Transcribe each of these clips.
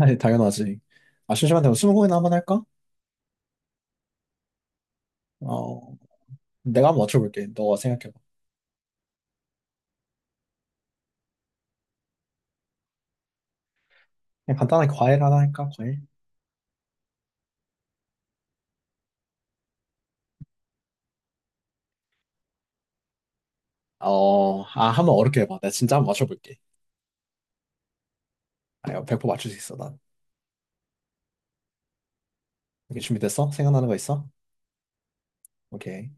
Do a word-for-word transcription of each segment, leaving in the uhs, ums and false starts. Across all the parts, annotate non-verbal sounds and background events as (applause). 아니, 당연하지. 아, 심심한데 뭐 스무고개나 한번 할까? 어, 내가 한번 맞춰볼게. 너가 생각해봐. 그냥 간단하게 과일 하나 할까? 과일? 어, 아, 한번 어렵게 해봐. 내가 진짜 한번 맞춰볼게. 아, 이거 백 퍼센트 맞출 수 있어, 난. 이게 준비됐어? 생각나는 거 있어? 오케이.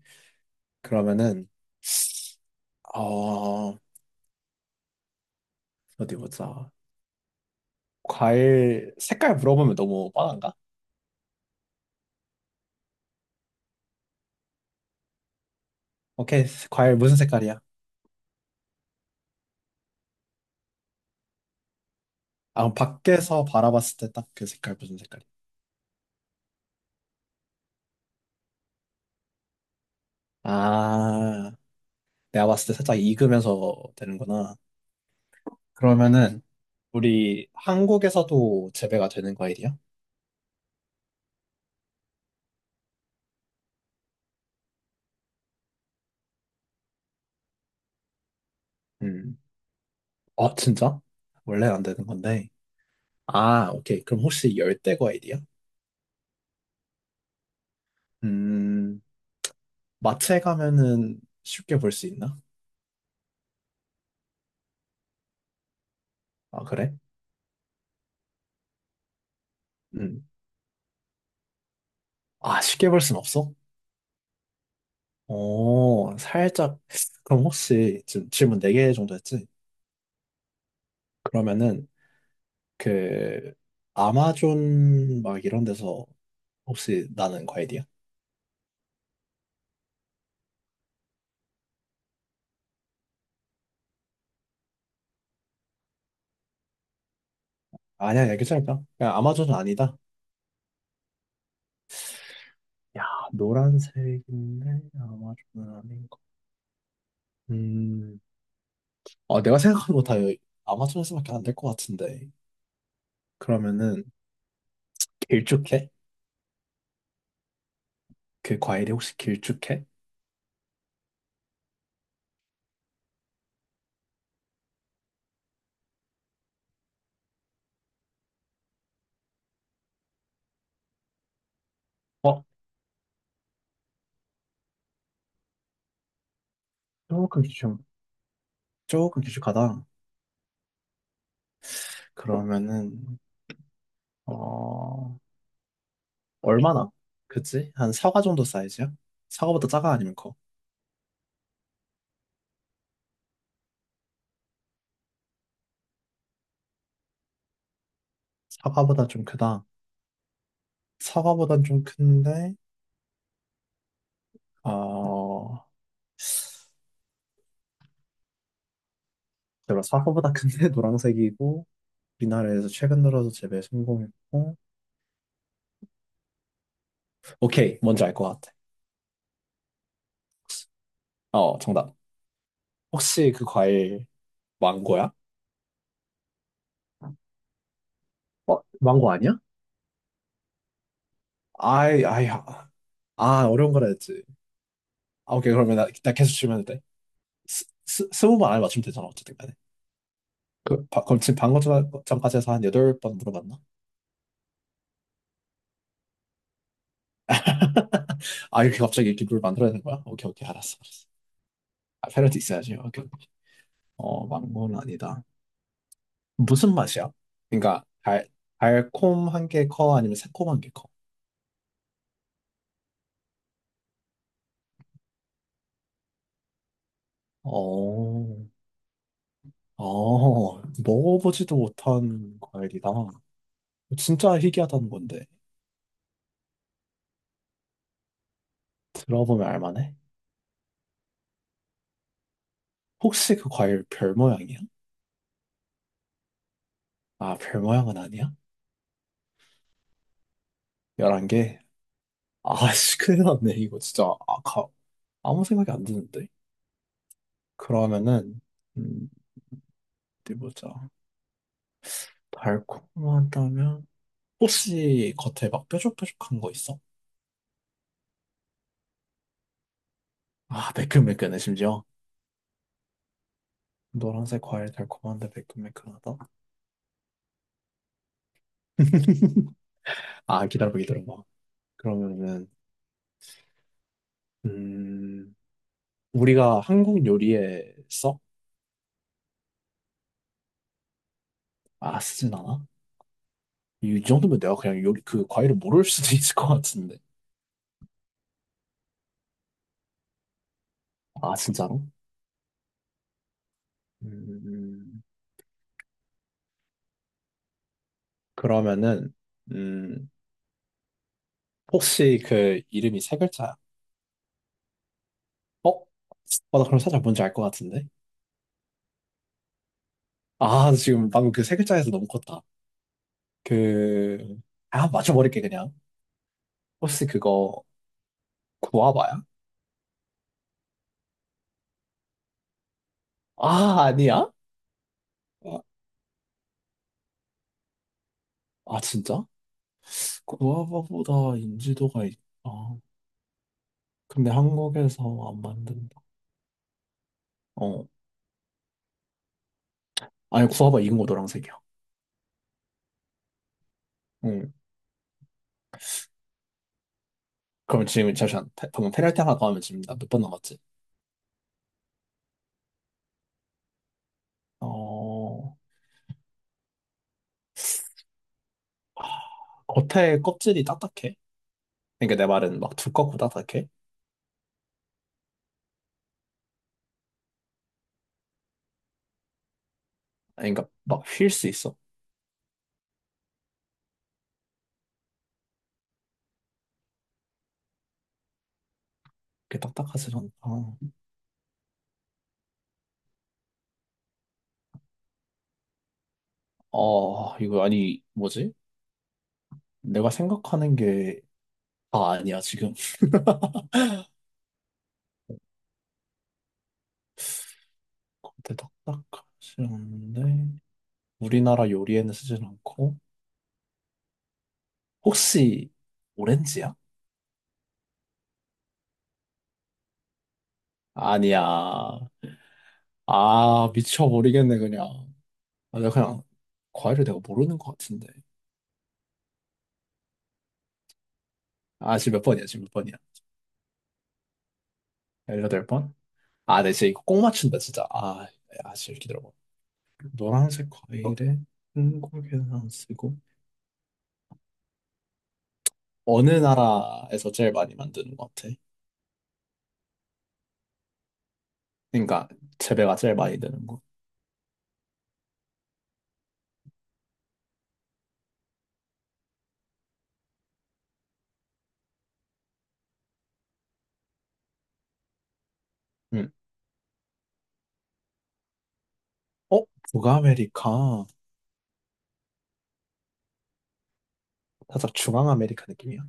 그러면은, 어, 어디 보자. 과일 색깔 물어보면 너무 뻔한가? 오케이. 과일 무슨 색깔이야? 아, 그럼 밖에서 바라봤을 때 딱 그 색깔 무슨 색깔이야? 아, 내가 봤을 때 살짝 익으면서 되는구나. 그러면은 우리 한국에서도 재배가 되는 과일이야? 음. 아, 진짜? 원래는 안 되는 건데. 아, 오케이. 그럼 혹시 열대 과일이야? 음, 마트에 가면은 쉽게 볼 수 있나? 아, 그래? 음. 아, 쉽게 볼 순 없어? 어, 살짝. 그럼 혹시 지금 질문 네 개 정도 했지? 그러면은 그 아마존 막 이런 데서 혹시 나는 과일이야? 아니야, 아니야, 괜찮을까? 그냥 아마존은 아니다. 야, 노란색인데 아마존은 아닌 거. 음, 아, 내가 생각한 거 다 여기 아마존에서밖에 안 될 것 같은데. 그러면은 길쭉해? 그 과일이 혹시 길쭉해? 어, 조금 길쭉, 조금 길쭉하다. 그러면은 어, 얼마나? 그치? 한 사과 정도 사이즈야? 사과보다 작아 아니면 커? 사과보다 좀 크다. 사과보단 좀 큰데, 어, 제가 사과보다 큰데 (laughs) 노란색이고 우리나라에서 최근 들어서 재배 성공했고. 오케이, 뭔지 알 것 같아. 어, 정답. 혹시 그 과일 망고야? 어, 망고 아니야? 아이, 아이, 아, 아, 어려운 거라 했지. 아, 오케이, 그러면 나, 나 계속 질문해도 돼. 스, 스, 스무 번 안에 맞추면 되잖아, 어쨌든 간에. 그, 바, 그럼 지금 방금 전- 전까지 해서 한 여덟 번 물어봤나? 아, 이렇게 갑자기 이렇게 룰 만들어야 되는 거야? 오케이, 오케이, 알았어, 알았어. 아, 페널티 있어야지, 오케이. 오케이. 어, 망고는 아니다. 무슨 맛이야? 그러니까, 달, 달콤한 게 커? 아니면 새콤한 게 커? 어, 아, 먹어보지도 못한 과일이다. 진짜 희귀하다는 건데. 들어보면 알만해? 혹시 그 과일 별 모양이야? 아, 별 모양은 아니야? 열한 개? 아씨, 큰일 났네. 이거 진짜 아, 가, 아무 생각이 안 드는데. 그러면은, 음, 어디 보자. 달콤하다면? 혹시 겉에 막 뾰족뾰족한 거 있어? 아, 매끈매끈해, 심지어. 노란색 과일 달콤한데 매끈매끈하다? (laughs) 아, 기다려봐, 기다려봐. 그러면은, 음, 우리가 한국 요리에 썩맛진 않아? 이 정도면 내가 그냥 요리 그 과일을 모를 수도 (laughs) 있을 것 같은데. 아, 진짜로? 음, 그러면은 음, 혹시 그 이름이 세 글자야? 어? 어, 나 그럼 살짝 뭔지 알 것 같은데? 아, 지금 방금 그 세 글자에서 너무 컸다. 그, 아, 맞춰버릴게, 그냥. 혹시 그거, 구아바야? 아, 아니야? 아, 아, 진짜? 구아바보다 인지도가 있, 아, 근데 한국에서 안 만든다. 어, 아니, 구아바 이긴 거 노란색이야. 응. 그럼 지금, 잠시만. 페- 방금 페널티 하나 가하면 지금 나 몇 번 남았지? 어, 아, 겉에 껍질이 딱딱해. 그러니까 내 말은 막 두껍고 딱딱해. 아니, 그러니까 막 휠 수 있어. 그게 딱딱하지 않다. 어, 이거 아니, 뭐지? 내가 생각하는 게 다 아니야, 지금. (laughs) 겉에 딱딱하지 않은데, 우리나라 요리에는 쓰진 않고, 혹시 오렌지야? 아니야. 아, 미쳐버리겠네, 그냥. 아, 내가 그냥 과외를 내가 모르는 것 같은데. 아, 지금 몇 번이야? 지금 몇 번이야? 십팔 번? 아, 나 진짜 이거 꼭 맞춘다, 진짜. 아, 아, 진짜 기다려봐. 노란색 과일에 한국에 안 쓰고 어느 나라에서 제일 많이 만드는 것 같아? 그러니까 재배가 제일 많이 되는 거. 응. 어? 북아메리카. 살짝 중앙아메리카 느낌이야.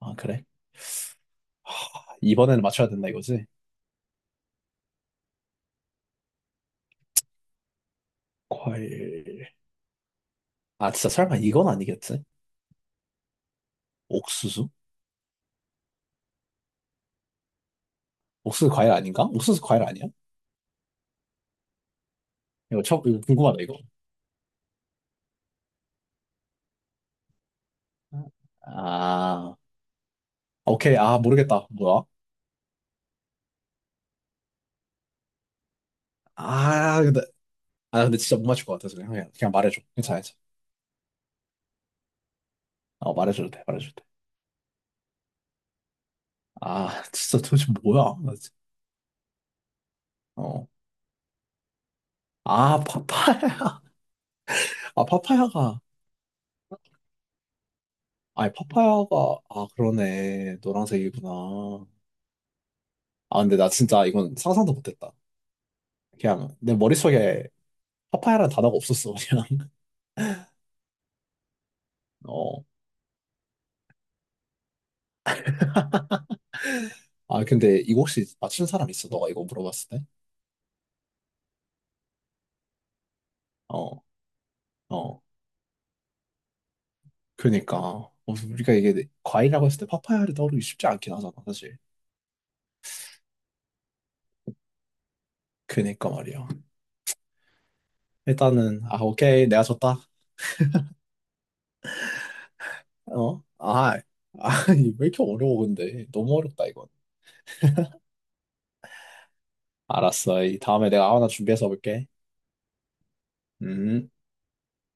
아, 그래? 아, 이번에는 맞춰야 된다 이거지? 과일. 아, 진짜 설마 이건 아니겠지? 옥수수? 옥수수 과일 아닌가? 옥수수 과일 아니야? 이거 처음, 이거 궁금하다, 이거. 아, 오케이. 아, 모르겠다. 뭐야? 아, 근데, 아, 근데 진짜 못 맞출 것 같아서 그냥, 그냥 말해줘. 괜찮아, 괜찮아. 어, 말해줘도 돼, 말해줘도 돼. 아, 진짜 도대체 뭐야? 나 진짜- 어. 아, 파파야. (laughs) 아, 파파야가. 아니, 파파야가. 아, 그러네. 노란색이구나. 아, 근데 나 진짜 이건 상상도 못했다. 그냥 내 머릿속에 파파야라는 단어가 없었어, 그냥. (laughs) 어. 아, 근데 이거 혹시 맞춘 사람 있어? 너가 이거 물어봤을 때? 어, 어. 그니까 어, 우리가 이게 과일이라고 했을 때 파파야를 떠오르기 쉽지 않긴 하잖아 사실 그니까 말이야 일단은 아 오케이 내가 졌다 어? 아 아니 (laughs) 왜 이렇게 어려워 근데 너무 어렵다 이건 알았어 이 다음에 내가 하나 준비해서 볼게 음